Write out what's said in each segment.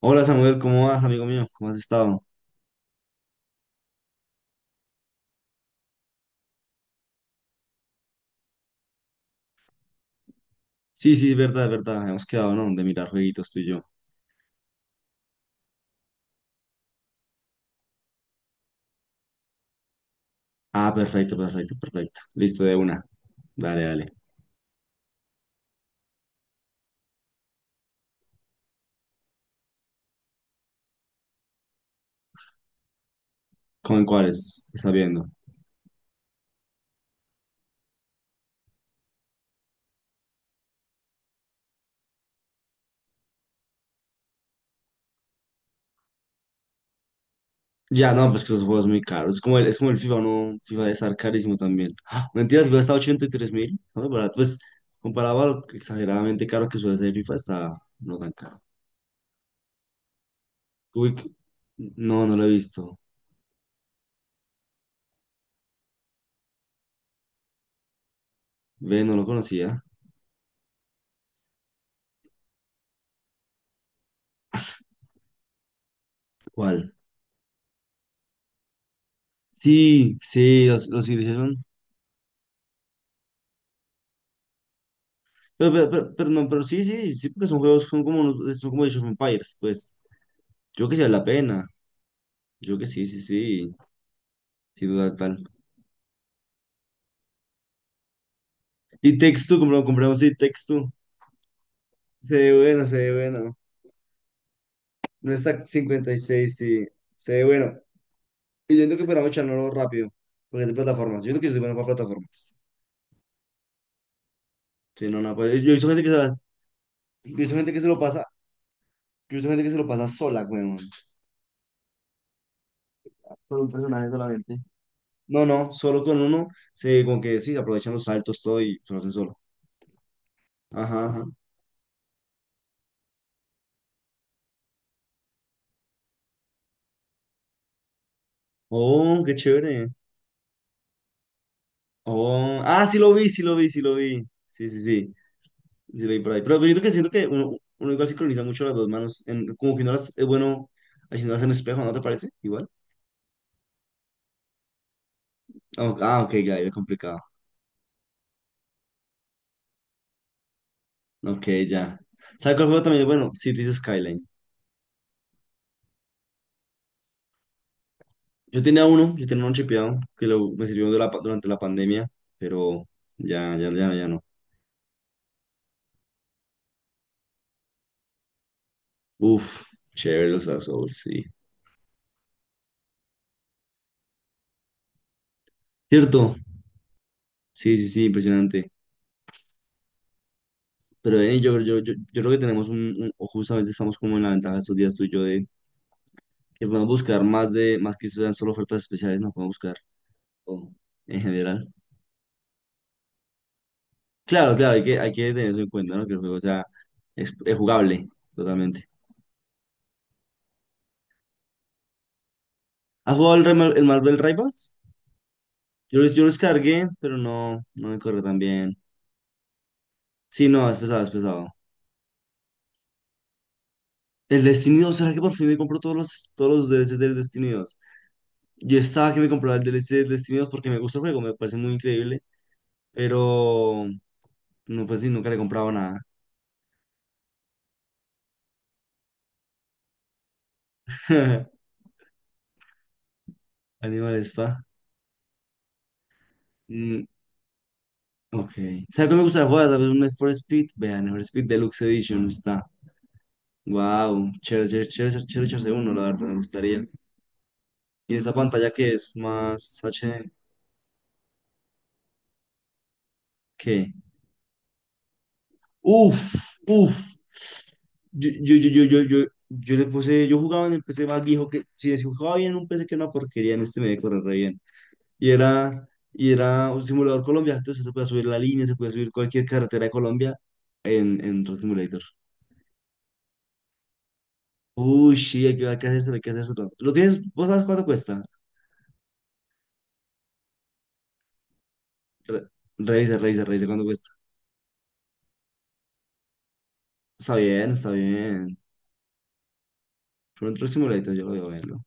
Hola Samuel, ¿cómo vas, amigo mío? ¿Cómo has estado? Sí, sí, es verdad, es verdad. Hemos quedado, ¿no? De mirar jueguitos tú y yo. Ah, perfecto, perfecto, perfecto. Listo, de una. Dale, dale. ¿Con cuáles? ¿Te ¿Estás viendo? Ya, no, pues que esos juegos muy caros. Es como el FIFA, ¿no? FIFA debe estar carísimo también. ¡Ah! Mentira, el FIFA está a 83.000. No, barato. Pues comparado a lo exageradamente caro que suele ser FIFA, está no tan caro. Uy, no, no lo he visto. Ve, no lo conocía. ¿Cuál? Sí, sí, los hicieron. Pero no, pero sí, sí, sí, porque son juegos, son como Age of Empires, pues. Yo que sí vale la pena. Yo que sí, sí, sí. Sí, total, tal. Y Takes Two, compramos, compramos, sí, Takes Two. Se ve bueno, se ve bueno. No está 56 sí. Se ve bueno. Y yo entiendo que podamos echarlo rápido. Porque es de plataformas. Yo creo que yo soy bueno para plataformas. Sí, no, no, pues, yo he visto gente que se la- yo he visto gente que se lo pasa. Yo he visto gente que se lo pasa sola, weón. Con un personaje solamente. No, no, solo con uno. Como que sí, aprovechan los saltos, todo y se lo hacen solo. Ajá. Ajá. Oh, qué chévere. Oh, ah, sí lo vi, sí lo vi, sí lo vi. Sí, sí, sí. Sí lo vi por ahí. Pero yo creo que siento que uno igual sincroniza mucho las dos manos. Como que no las es bueno haciéndolas en espejo, ¿no te parece? Igual. Ah, ok, ah, ok, ya, ya complicado. Ok, ya. ¿Sabes cuál juego también? Bueno, Cities Skyline. Yo tenía uno chipeado me sirvió durante la pandemia, pero ya, ya, ya, ya no. Uf, chévere los Dark Souls, sí. ¿Cierto? Sí, sí, sí, impresionante. Pero Denis, yo creo que tenemos o justamente estamos como en la ventaja estos días tú y yo de que podemos buscar más más que sean solo ofertas especiales, no podemos buscar todo en general. Claro, claro, hay que tener eso en cuenta, ¿no? Que el juego es jugable totalmente. ¿Has jugado el Marvel Rivals? Yo lo descargué, pero no, no me corre tan bien. Sí, no, es pesado, es pesado. El Destiny 2, ¿será que por fin me compro todos los DLCs del Destiny 2? Yo estaba que me compraba el DLC del Destiny 2 porque me gusta el juego, me parece muy increíble. Pero no, pues sí, nunca le he comprado nada. Animal Spa. Mm, ok. ¿Sabes qué me gusta jugar? ¿Sabes? Un Need for Speed. Vean, Need for Speed Deluxe Edition está. Wow. Chévere, chévere, chévere, chévere echarse uno, la verdad, me gustaría. Y esa pantalla que es más HD, ¿qué? Uf, uf. Yo le puse, yo jugaba en el PC más viejo que, si jugaba bien en un PC que era una porquería, en este me decoré re bien. y era, y era un simulador Colombia, entonces se podía subir la línea, se podía subir cualquier carretera de Colombia en Truck Simulator. Uy, sí, hay que hacerse, hay que hacerse todo. ¿Lo tienes? ¿Vos sabes cuánto cuesta? Re, Revisa, revisa, revisa cuánto cuesta. Está bien, está bien. Pero un Truck Simulator yo lo veo a verlo.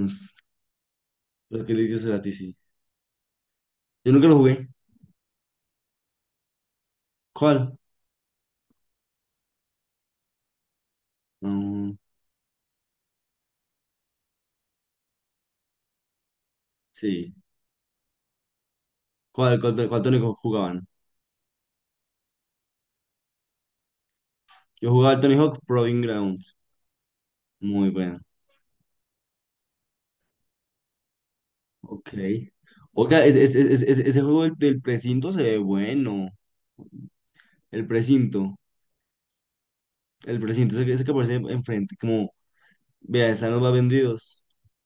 No sé, lo que le será a ti, sí. Yo nunca lo jugué. ¿Cuál? No, sí. ¿Cuál Tony Hawk jugaban? Yo jugaba el Tony Hawk Proving Ground. Muy bueno. Ok. Oiga, ese juego del precinto se ve bueno. El precinto. El precinto, ese que aparece enfrente. Vea, están los más vendidos.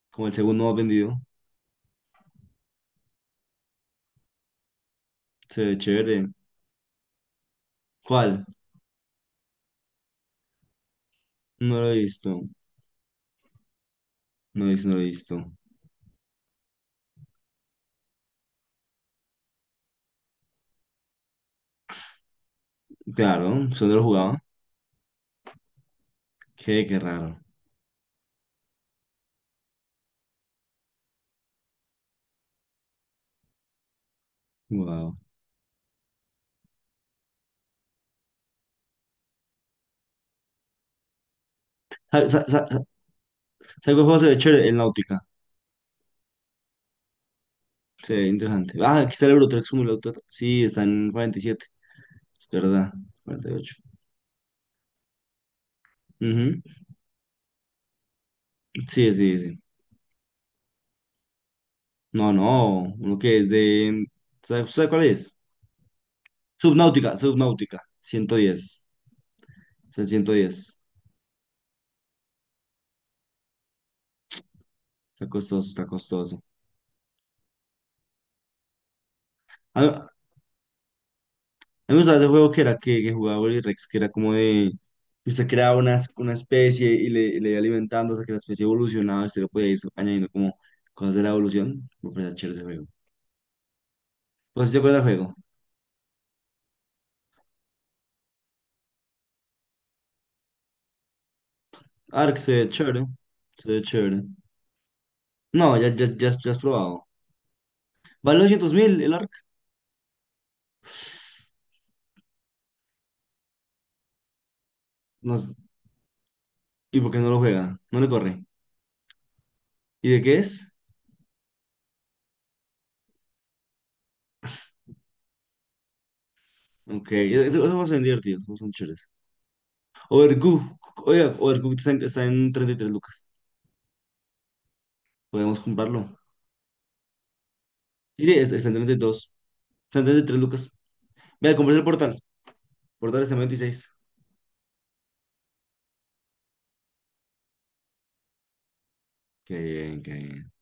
Como el segundo más vendido. Se ve chévere. ¿Cuál? No lo he visto. No lo he visto, no lo he visto. Claro, eso no lo jugaba. Qué raro. Wow. ¿Sabes cuál juego se ve chévere? El Náutica. Se ve interesante. Ah, aquí está el Eurotrack Simulator. Sí, está en 47. Es verdad. 48. Ujú. Sí, sí, sí. No, no, uno que es de... ¿Sabe cuál es? Subnáutica, Subnáutica, 110. Es el 110. Está costoso, está costoso. A mí me gustaba ese juego que era que jugaba Willy Rex, que era como de... Que usted creaba una especie y y le iba alimentando hasta que la especie evolucionaba y usted lo podía ir añadiendo como cosas de la evolución. Me parece chévere ese juego. Pues si te acuerdas del juego. Ark se ve chévere, se ve chévere. No, ya has probado. Vale 200.000 el Ark. No, ¿y por qué no lo juega? No le corre. ¿Y de qué es? Ok, esos juegos son divertidos, esos son chéveres. Overcook, oiga, Overcook está en 33 lucas. Podemos comprarlo. Sí, está en 32. Está en 33 lucas. Vea, compré el portal. Portal está en 26. Qué bien, qué bien.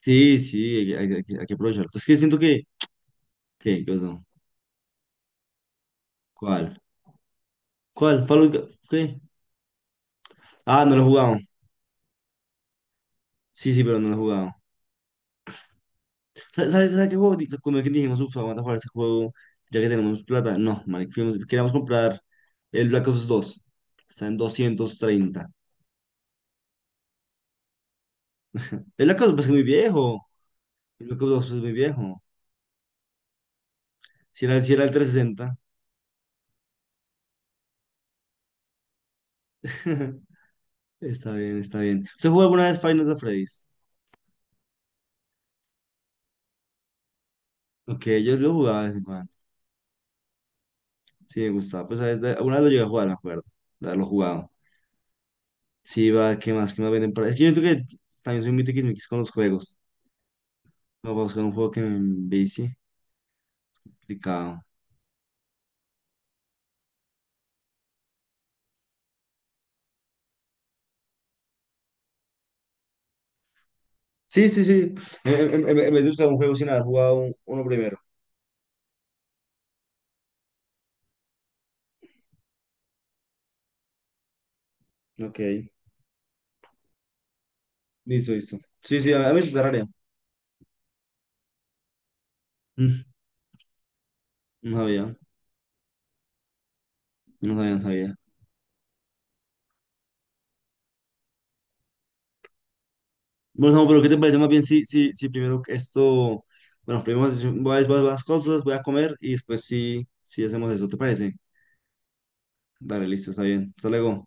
Sí, sí, hay que aprovecharlo. Es que siento que. ¿Qué? ¿Qué pasó? ¿Cuál? ¿Cuál? ¿Qué? Ah, no lo he jugado. Sí, sí, pero no lo he jugado. ¿Sabes sabe, sabe- sabe qué juego? Como que dijimos, uff, vamos a jugar ese juego ya que tenemos plata. No, marica, queríamos comprar el Black Ops dos. Está en 230. El Black Ops pues, es muy viejo. El Black Ops 2 es muy viejo. Si era el 360. Está bien, está bien. ¿Usted jugó alguna vez Final Fantasy Freddy's? Ok, yo lo jugaba de vez en cuando. Sí, me gustaba. Pues a veces, alguna vez lo llegué a jugar, me acuerdo de haberlo jugado. Sí, va, ¿qué más? ¿Qué más venden para...? Es que yo siento que también soy muy tiquismiquis con los juegos. Me voy a buscar un juego que me envicie. Complicado. Sí, sí, sí. En vez de buscar un juego sin haber jugado uno primero. Ok, listo, listo. Sí, sí, a mí es área. No sabía, no sabía, no sabía. Bueno, Samu, pero ¿qué te parece más bien si primero que esto... Bueno, primero voy a las cosas, voy a comer y después sí hacemos eso, ¿te parece? Dale, listo, está bien. Hasta luego.